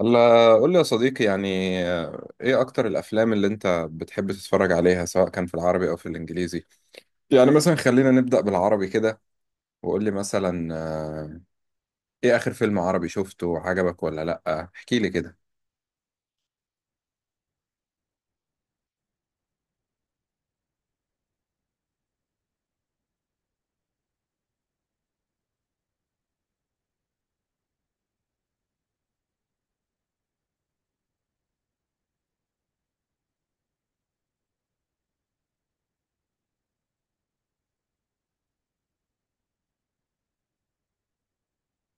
الله، قول لي يا صديقي يعني ايه اكتر الافلام اللي انت بتحب تتفرج عليها، سواء كان في العربي او في الانجليزي؟ يعني مثلا خلينا نبدأ بالعربي كده، وقول لي مثلا ايه اخر فيلم عربي شفته وعجبك ولا لا؟ احكي لي كده.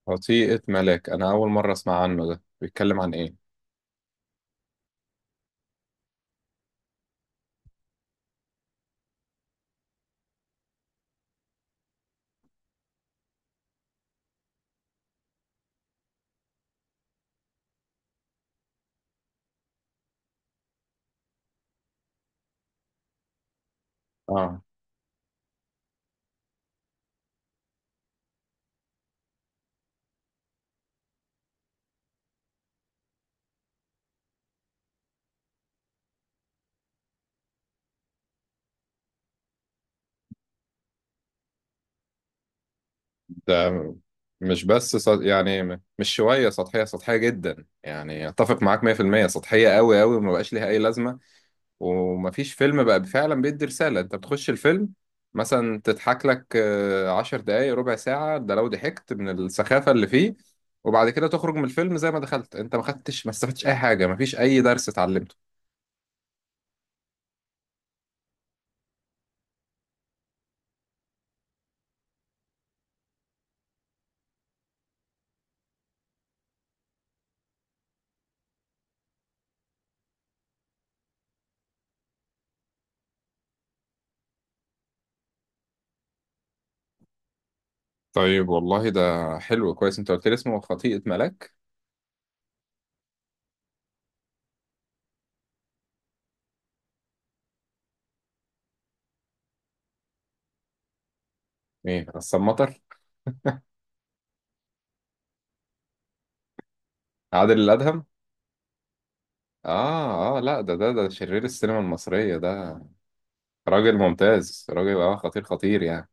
وطيقة ملاك، انا اول مرة اسمع عنه، ده بيتكلم عن ايه؟ اه، ده مش بس يعني مش شوية سطحية، سطحية جدا، يعني اتفق معاك 100% سطحية قوي قوي، وما بقاش ليها اي لازمة. ومفيش فيلم بقى فعلا بيدي رسالة، انت بتخش الفيلم مثلا تضحك لك 10 دقايق ربع ساعة، ده لو ضحكت من السخافة اللي فيه. وبعد كده تخرج من الفيلم زي ما دخلت، انت ما خدتش، ما استفدتش اي حاجة، مفيش اي درس اتعلمته. طيب والله، ده حلو. كويس انت قلت لي اسمه خطيئة ملاك. ايه، غسان مطر؟ عادل الادهم؟ اه، اه، لا، ده شرير السينما المصرية ده. راجل ممتاز، راجل خطير خطير يعني.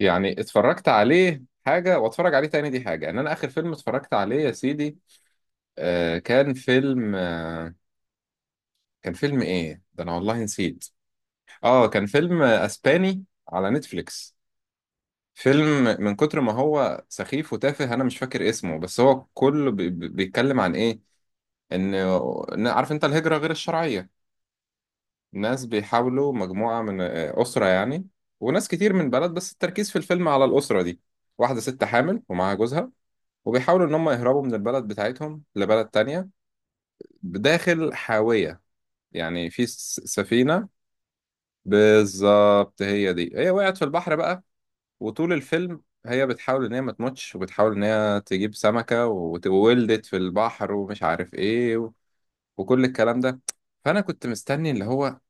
يعني اتفرجت عليه حاجة واتفرج عليه تاني دي حاجة. ان انا اخر فيلم اتفرجت عليه يا سيدي، آه كان فيلم آه كان فيلم ايه ده، انا والله نسيت. اه كان فيلم آه، اسباني، على نتفليكس. فيلم من كتر ما هو سخيف وتافه انا مش فاكر اسمه، بس هو كله بيتكلم عن ايه؟ ان عارف انت الهجرة غير الشرعية؟ ناس بيحاولوا، مجموعة من أسرة يعني، وناس كتير من بلد، بس التركيز في الفيلم على الأسرة دي. واحدة ست حامل ومعاها جوزها، وبيحاولوا ان هم يهربوا من البلد بتاعتهم لبلد تانية، داخل حاوية يعني في سفينة. بالظبط، هي دي، هي وقعت في البحر بقى. وطول الفيلم هي بتحاول ان هي ما تموتش، وبتحاول ان هي تجيب سمكة، وولدت في البحر ومش عارف ايه وكل الكلام ده. فانا كنت مستني اللي هو،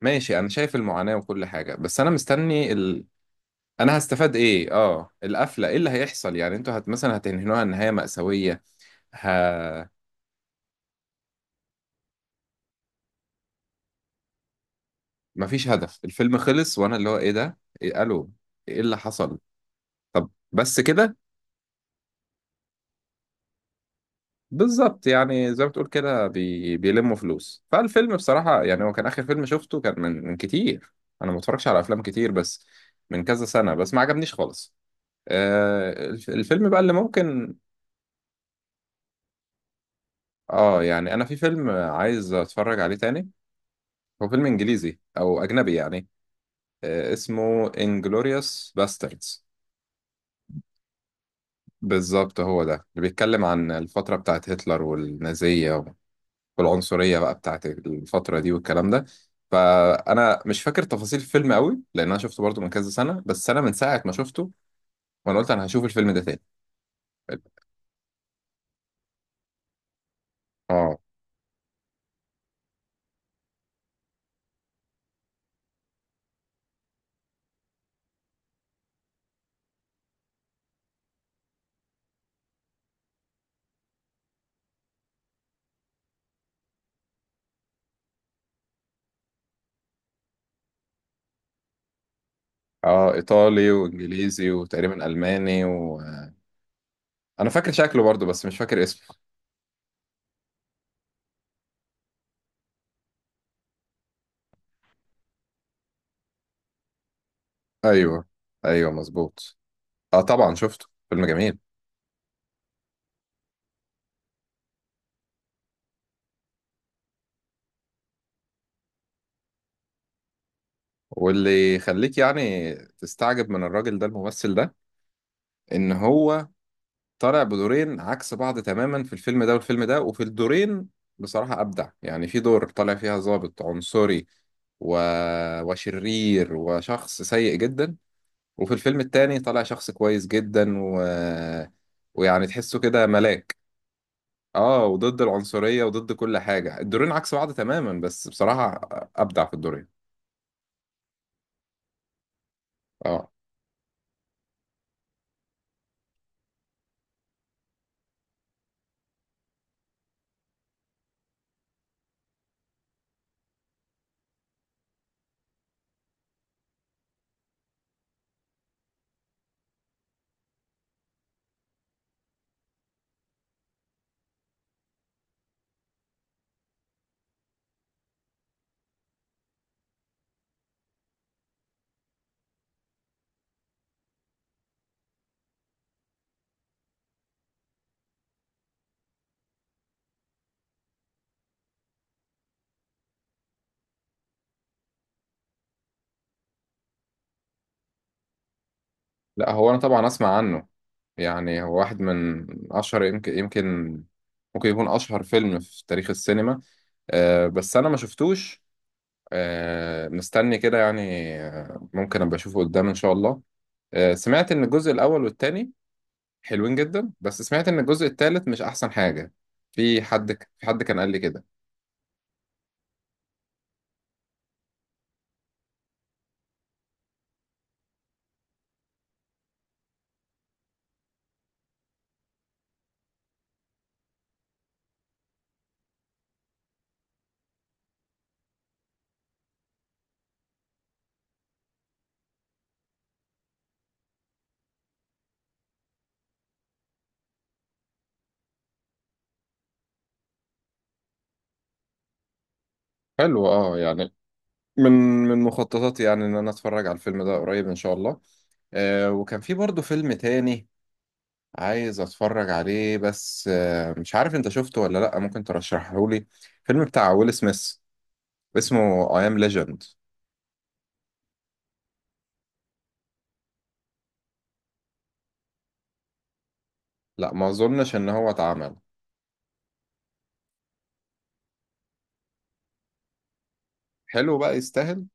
ماشي، انا شايف المعاناة وكل حاجة، بس انا مستني انا هستفاد ايه. اه القفلة ايه اللي هيحصل يعني، انتوا مثلا هتنهنوها نهاية مأساوية؟ ه... مفيش هدف. الفيلم خلص وانا اللي هو ايه ده، إيه ايه اللي حصل؟ طب بس كده؟ بالظبط، يعني زي ما بتقول كده، بيلموا فلوس. فالفيلم بصراحة يعني هو كان آخر فيلم شفته، كان من كتير. أنا ما بتفرجش على أفلام كتير، بس من كذا سنة، بس ما عجبنيش خالص. الفيلم بقى اللي ممكن، اه يعني أنا في فيلم عايز أتفرج عليه تاني، هو فيلم إنجليزي أو أجنبي يعني. اسمه Inglourious Basterds. بالظبط، هو ده اللي بيتكلم عن الفترة بتاعت هتلر والنازية، والعنصرية بقى بتاعت الفترة دي والكلام ده. فأنا مش فاكر تفاصيل الفيلم قوي، لأن أنا شفته برضو من كذا سنة، بس أنا من ساعة ما شفته وأنا قلت أنا هشوف الفيلم ده تاني. آه إيطالي وإنجليزي وتقريبا ألماني، وأنا فاكر شكله برضو بس مش فاكر اسمه. أيوه، أيوه، مظبوط. آه، طبعا شفته، فيلم جميل. واللي يخليك يعني تستعجب من الراجل ده، الممثل ده، ان هو طالع بدورين عكس بعض تماما في الفيلم ده والفيلم ده، وفي الدورين بصراحة أبدع. يعني في دور طالع فيها ضابط عنصري و... وشرير وشخص سيء جدا. وفي الفيلم التاني طالع شخص كويس جدا ويعني تحسه كده ملاك. اه، وضد العنصرية وضد كل حاجة، الدورين عكس بعض تماما، بس بصراحة أبدع في الدورين. اه، لا، هو انا طبعا اسمع عنه، يعني هو واحد من اشهر، يمكن ممكن يكون اشهر فيلم في تاريخ السينما. بس انا ما شفتوش. مستني كده يعني، ممكن ابقى اشوفه قدام ان شاء الله. سمعت ان الجزء الاول والتاني حلوين جدا، بس سمعت ان الجزء التالت مش احسن حاجة. في حد في حد كان قال لي كده. حلو، يعني من مخططاتي يعني ان انا اتفرج على الفيلم ده قريب ان شاء الله. وكان في برضه فيلم تاني عايز اتفرج عليه، بس مش عارف انت شفته ولا لا، ممكن ترشحه لي. فيلم بتاع ويل سميث، اسمه اي ام ليجند. لا، ما اظنش ان هو اتعمل. حلو بقى، يستاهل.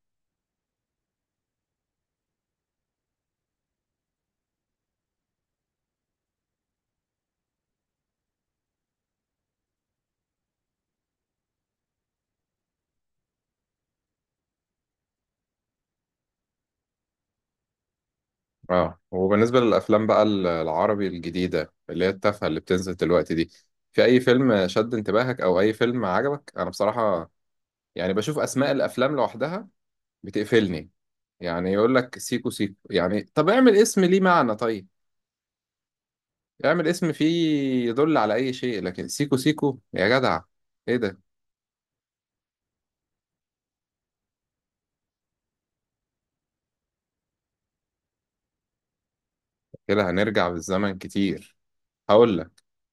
اه وبالنسبه للافلام بقى العربي الجديده اللي هي التافهه اللي بتنزل دلوقتي دي، في اي فيلم شد انتباهك او اي فيلم عجبك؟ انا بصراحه يعني بشوف اسماء الافلام لوحدها بتقفلني، يعني يقول لك سيكو سيكو، يعني طب اعمل اسم ليه معنى، طيب اعمل اسم فيه يدل على اي شيء، لكن سيكو سيكو يا جدع، ايه ده؟ كده هنرجع بالزمن كتير، هقول لك،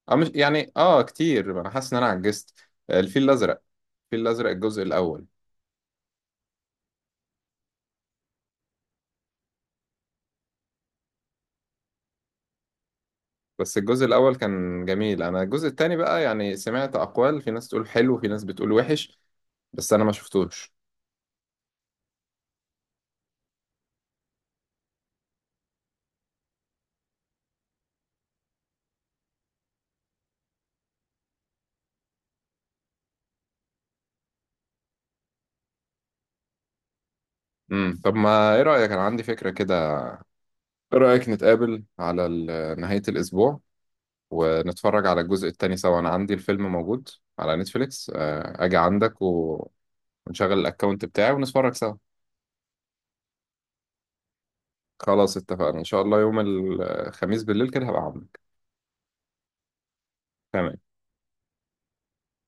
اه مش يعني كتير، ما انا حاسس ان انا عجزت. الفيل الازرق، الفيل الازرق الجزء الاول. بس الجزء الاول كان جميل، انا الجزء التاني بقى يعني سمعت اقوال، في ناس تقول حلو في ناس بتقول وحش، بس انا ما شفتوش. طب ما ايه رايك، انا عندي فكره كده. ايه رايك نتقابل على نهايه الاسبوع ونتفرج على الجزء التاني سوا، انا عندي الفيلم موجود على نتفليكس، اجي عندك ونشغل الاكونت بتاعي ونتفرج سوا. خلاص، اتفقنا ان شاء الله يوم الخميس بالليل كده هبقى عندك. تمام.